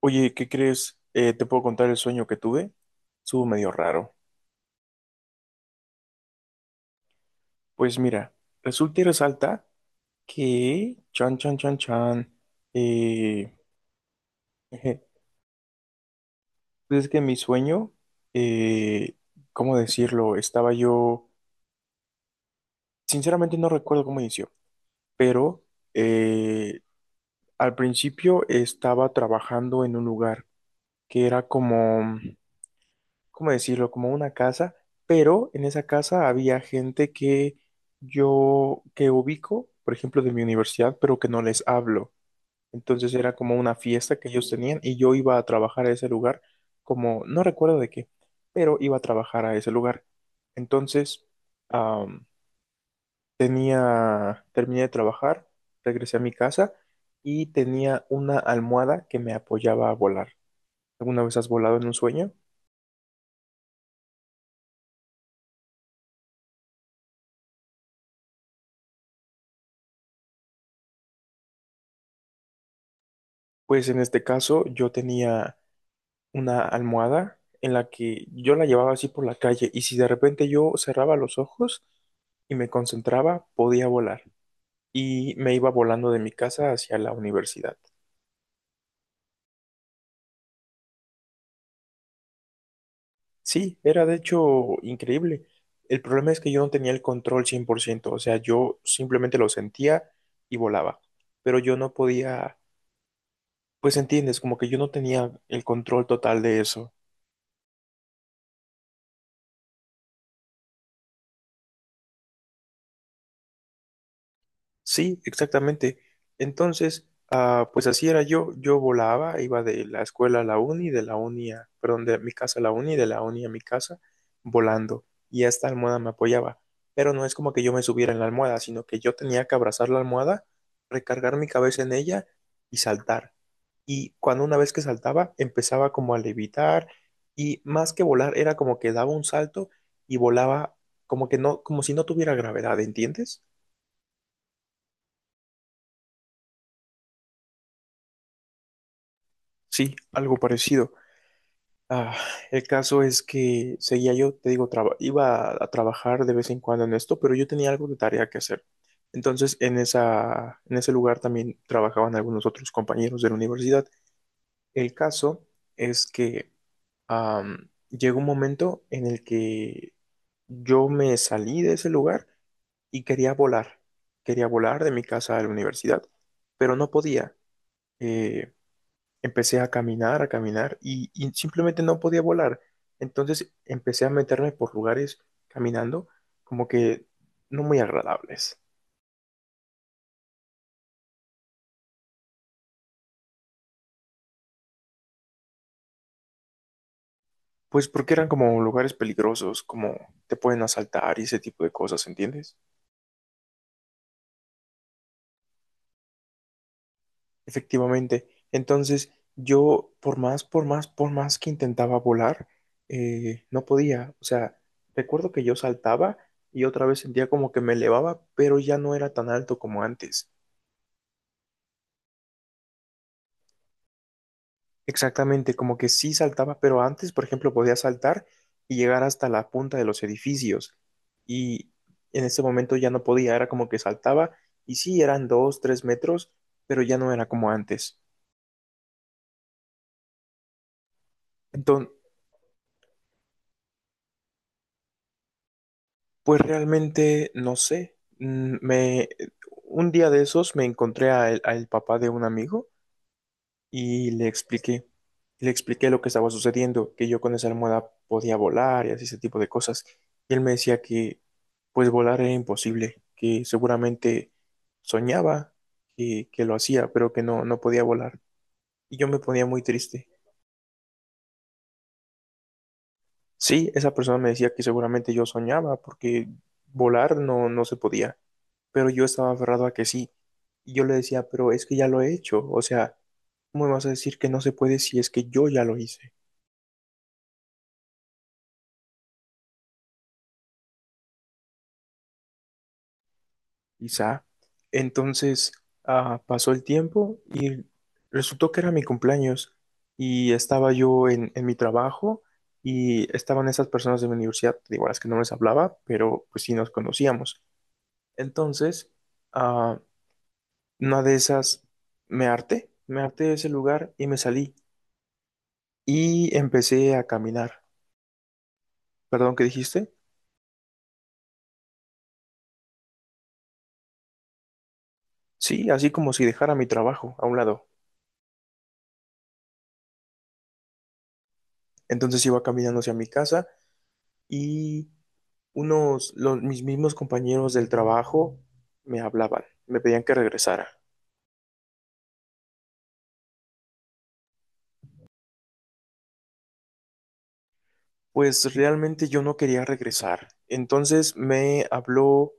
Oye, ¿qué crees? ¿Te puedo contar el sueño que tuve? Estuvo medio raro. Pues mira, resulta y resalta que, chan, chan, chan, chan, eh, pues es que en mi sueño, eh, ¿cómo decirlo? Estaba yo, sinceramente no recuerdo cómo inició, pero eh, al principio estaba trabajando en un lugar que era como, ¿cómo decirlo? Como una casa, pero en esa casa había gente que yo, que ubico, por ejemplo, de mi universidad, pero que no les hablo. Entonces era como una fiesta que ellos tenían y yo iba a trabajar a ese lugar, como, no recuerdo de qué, pero iba a trabajar a ese lugar. Entonces, am, tenía, terminé de trabajar, regresé a mi casa y tenía una almohada que me apoyaba a volar. ¿Alguna vez has volado en un sueño? Pues en este caso yo tenía una almohada en la que yo la llevaba así por la calle y si de repente yo cerraba los ojos y me concentraba, podía volar y me iba volando de mi casa hacia la universidad. Sí, era de hecho increíble. El problema es que yo no tenía el control 100%, o sea, yo simplemente lo sentía y volaba, pero yo no podía, pues entiendes, como que yo no tenía el control total de eso. Sí, exactamente. Entonces, ah, pues así era yo. Yo volaba, iba de la escuela a la uni, de la uni a, perdón, de mi casa a la uni, de la uni a mi casa, volando. Y esta almohada me apoyaba. Pero no es como que yo me subiera en la almohada, sino que yo tenía que abrazar la almohada, recargar mi cabeza en ella y saltar. Y cuando una vez que saltaba, empezaba como a levitar y más que volar, era como que daba un salto y volaba como que no, como si no tuviera gravedad, ¿entiendes? Sí, algo parecido. Ah, el caso es que seguía yo, te digo, iba a trabajar de vez en cuando en esto, pero yo tenía algo de tarea que hacer. Entonces, en ese lugar también trabajaban algunos otros compañeros de la universidad. El caso es que llegó un momento en el que yo me salí de ese lugar y quería volar. Quería volar de mi casa a la universidad, pero no podía. Eh, Empecé a caminar y simplemente no podía volar. Entonces empecé a meterme por lugares caminando como que no muy agradables. Pues porque eran como lugares peligrosos, como te pueden asaltar y ese tipo de cosas, ¿entiendes? Efectivamente. Entonces yo por más, por más, por más que intentaba volar, no podía. O sea, recuerdo que yo saltaba y otra vez sentía como que me elevaba, pero ya no era tan alto como antes. Exactamente, como que sí saltaba, pero antes, por ejemplo, podía saltar y llegar hasta la punta de los edificios. Y en ese momento ya no podía, era como que saltaba y sí, eran dos, tres metros, pero ya no era como antes. Entonces, pues realmente no sé. Un día de esos me encontré a al papá de un amigo y le expliqué lo que estaba sucediendo, que yo con esa almohada podía volar y así ese tipo de cosas. Y él me decía que pues volar era imposible, que seguramente soñaba que lo hacía, pero que no, no podía volar. Y yo me ponía muy triste. Sí, esa persona me decía que seguramente yo soñaba porque volar no, no se podía, pero yo estaba aferrado a que sí. Y yo le decía, pero es que ya lo he hecho, o sea, ¿cómo me vas a decir que no se puede si es que yo ya lo hice? Quizá. Entonces, ah, pasó el tiempo y resultó que era mi cumpleaños y estaba yo en mi trabajo y estaban esas personas de mi universidad, digo, a las que no les hablaba, pero pues sí nos conocíamos. Entonces, ah, una de esas me harté de ese lugar y me salí y empecé a caminar. ¿Perdón, qué dijiste? Sí, así como si dejara mi trabajo a un lado. Entonces iba caminando hacia mi casa y mis mismos compañeros del trabajo me hablaban, me pedían que regresara. Pues realmente yo no quería regresar. Entonces me habló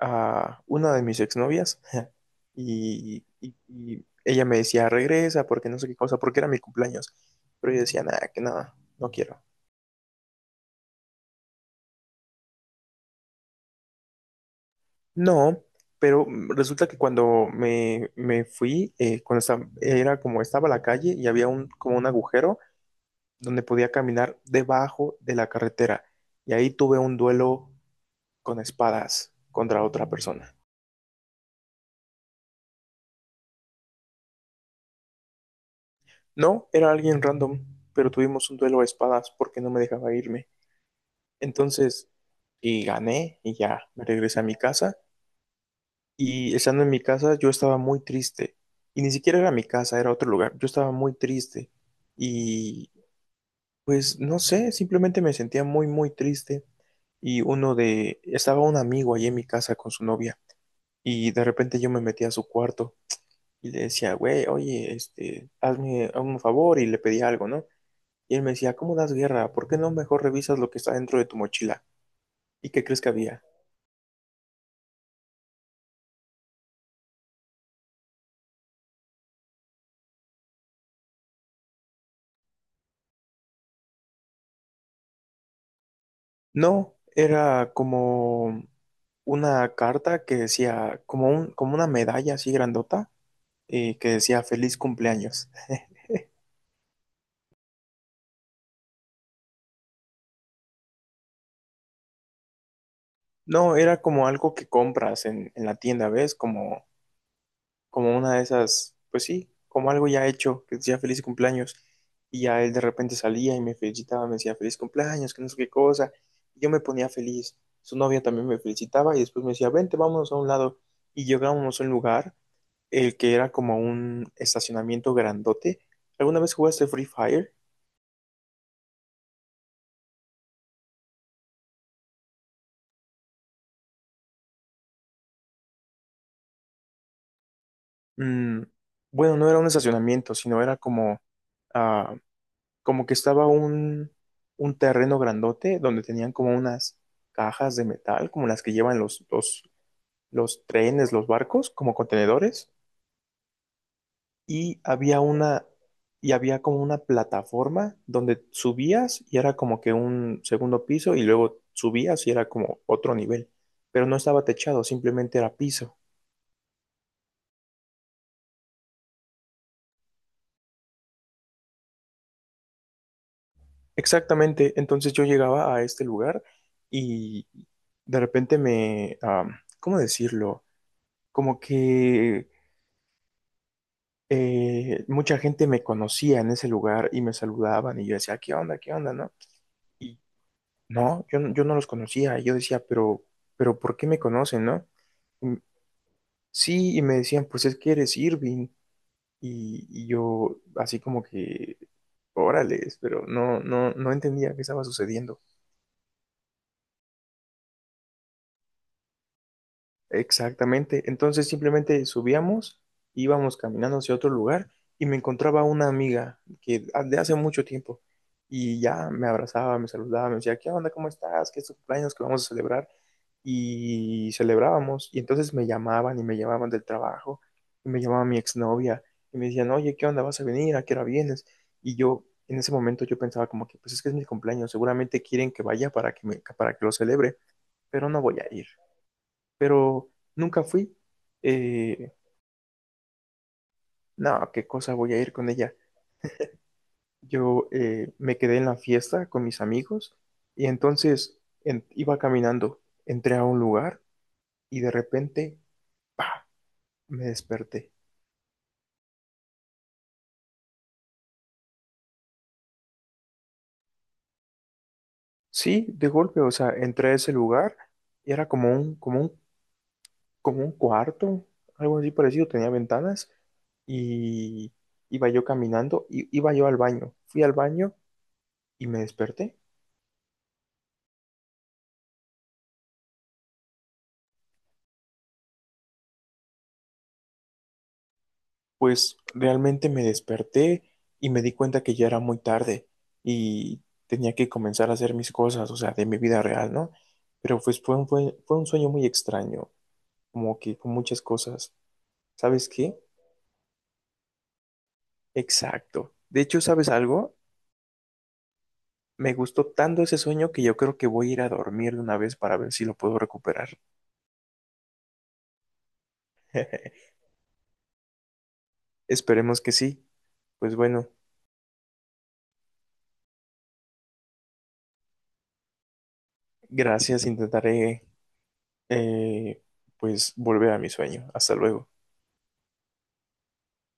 a una de mis exnovias y ella me decía, regresa, porque no sé qué cosa, porque era mi cumpleaños. Pero yo decía, nada, que nada, no quiero. No, pero resulta que cuando me fui, cuando estaba, era como estaba la calle y había un, como un agujero donde podía caminar debajo de la carretera y ahí tuve un duelo con espadas contra otra persona. No, era alguien random, pero tuvimos un duelo a espadas porque no me dejaba irme. Entonces, y gané y ya me regresé a mi casa y estando en mi casa yo estaba muy triste y ni siquiera era mi casa, era otro lugar. Yo estaba muy triste y pues no sé, simplemente me sentía muy muy triste y uno de estaba un amigo ahí en mi casa con su novia y de repente yo me metí a su cuarto y le decía, güey, oye, este, hazme un favor y le pedí algo, ¿no? Y él me decía, ¿cómo das guerra? ¿Por qué no mejor revisas lo que está dentro de tu mochila? ¿Y qué crees que había? No, era como una carta que decía, como un, como una medalla así grandota, que decía feliz cumpleaños. No, era como algo que compras en la tienda, ¿ves? Como como una de esas, pues sí, como algo ya hecho, que decía feliz cumpleaños. Y ya él de repente salía y me felicitaba, me decía feliz cumpleaños, que no sé qué cosa. Y yo me ponía feliz. Su novia también me felicitaba y después me decía, vente, vámonos a un lado. Y llegábamos a un lugar, el que era como un estacionamiento grandote. ¿Alguna vez jugaste Free Fire? Mm, bueno, no era un estacionamiento, sino era como, ah, como que estaba un terreno grandote donde tenían como unas cajas de metal, como las que llevan los trenes, los barcos, como contenedores, y había una, y había como una plataforma donde subías y era como que un segundo piso y luego subías y era como otro nivel, pero no estaba techado, simplemente era piso. Exactamente, entonces yo llegaba a este lugar y de repente me, ah, ¿cómo decirlo? Como que mucha gente me conocía en ese lugar y me saludaban y yo decía, ¿qué onda? ¿Qué onda? ¿No? Y no, yo, yo no los conocía. Y yo decía, pero ¿por qué me conocen? ¿No? Y- sí, y me decían, pues es que eres Irving. Y yo así como que, órales, pero no, no, no entendía qué estaba sucediendo. Exactamente. Entonces simplemente subíamos, íbamos caminando hacia otro lugar y me encontraba una amiga que de hace mucho tiempo y ya me abrazaba, me saludaba, me decía, ¿qué onda? ¿Cómo estás? ¿Qué es tu cumpleaños que vamos a celebrar? Y celebrábamos y entonces me llamaban y me llamaban del trabajo y me llamaba mi exnovia y me decían, oye, ¿qué onda? ¿Vas a venir? ¿A qué hora vienes? Y yo en ese momento yo pensaba como que pues es que es mi cumpleaños, seguramente quieren que vaya para que me, para que lo celebre, pero no voy a ir pero nunca fui. Eh, no, qué cosa voy a ir con ella. Yo me quedé en la fiesta con mis amigos y entonces iba caminando, entré a un lugar y de repente, ¡pa! Me desperté. Sí, de golpe, o sea, entré a ese lugar y era como como un cuarto, algo así parecido, tenía ventanas y iba yo caminando, y iba yo al baño, fui al baño y me desperté. Pues realmente me desperté y me di cuenta que ya era muy tarde y tenía que comenzar a hacer mis cosas, o sea, de mi vida real, ¿no? Pero pues fue un sueño muy extraño, como que con muchas cosas. ¿Sabes qué? Exacto. De hecho, ¿sabes algo? Me gustó tanto ese sueño que yo creo que voy a ir a dormir de una vez para ver si lo puedo recuperar. Esperemos que sí. Pues bueno, gracias. Intentaré, eh, pues, volver a mi sueño. Hasta luego.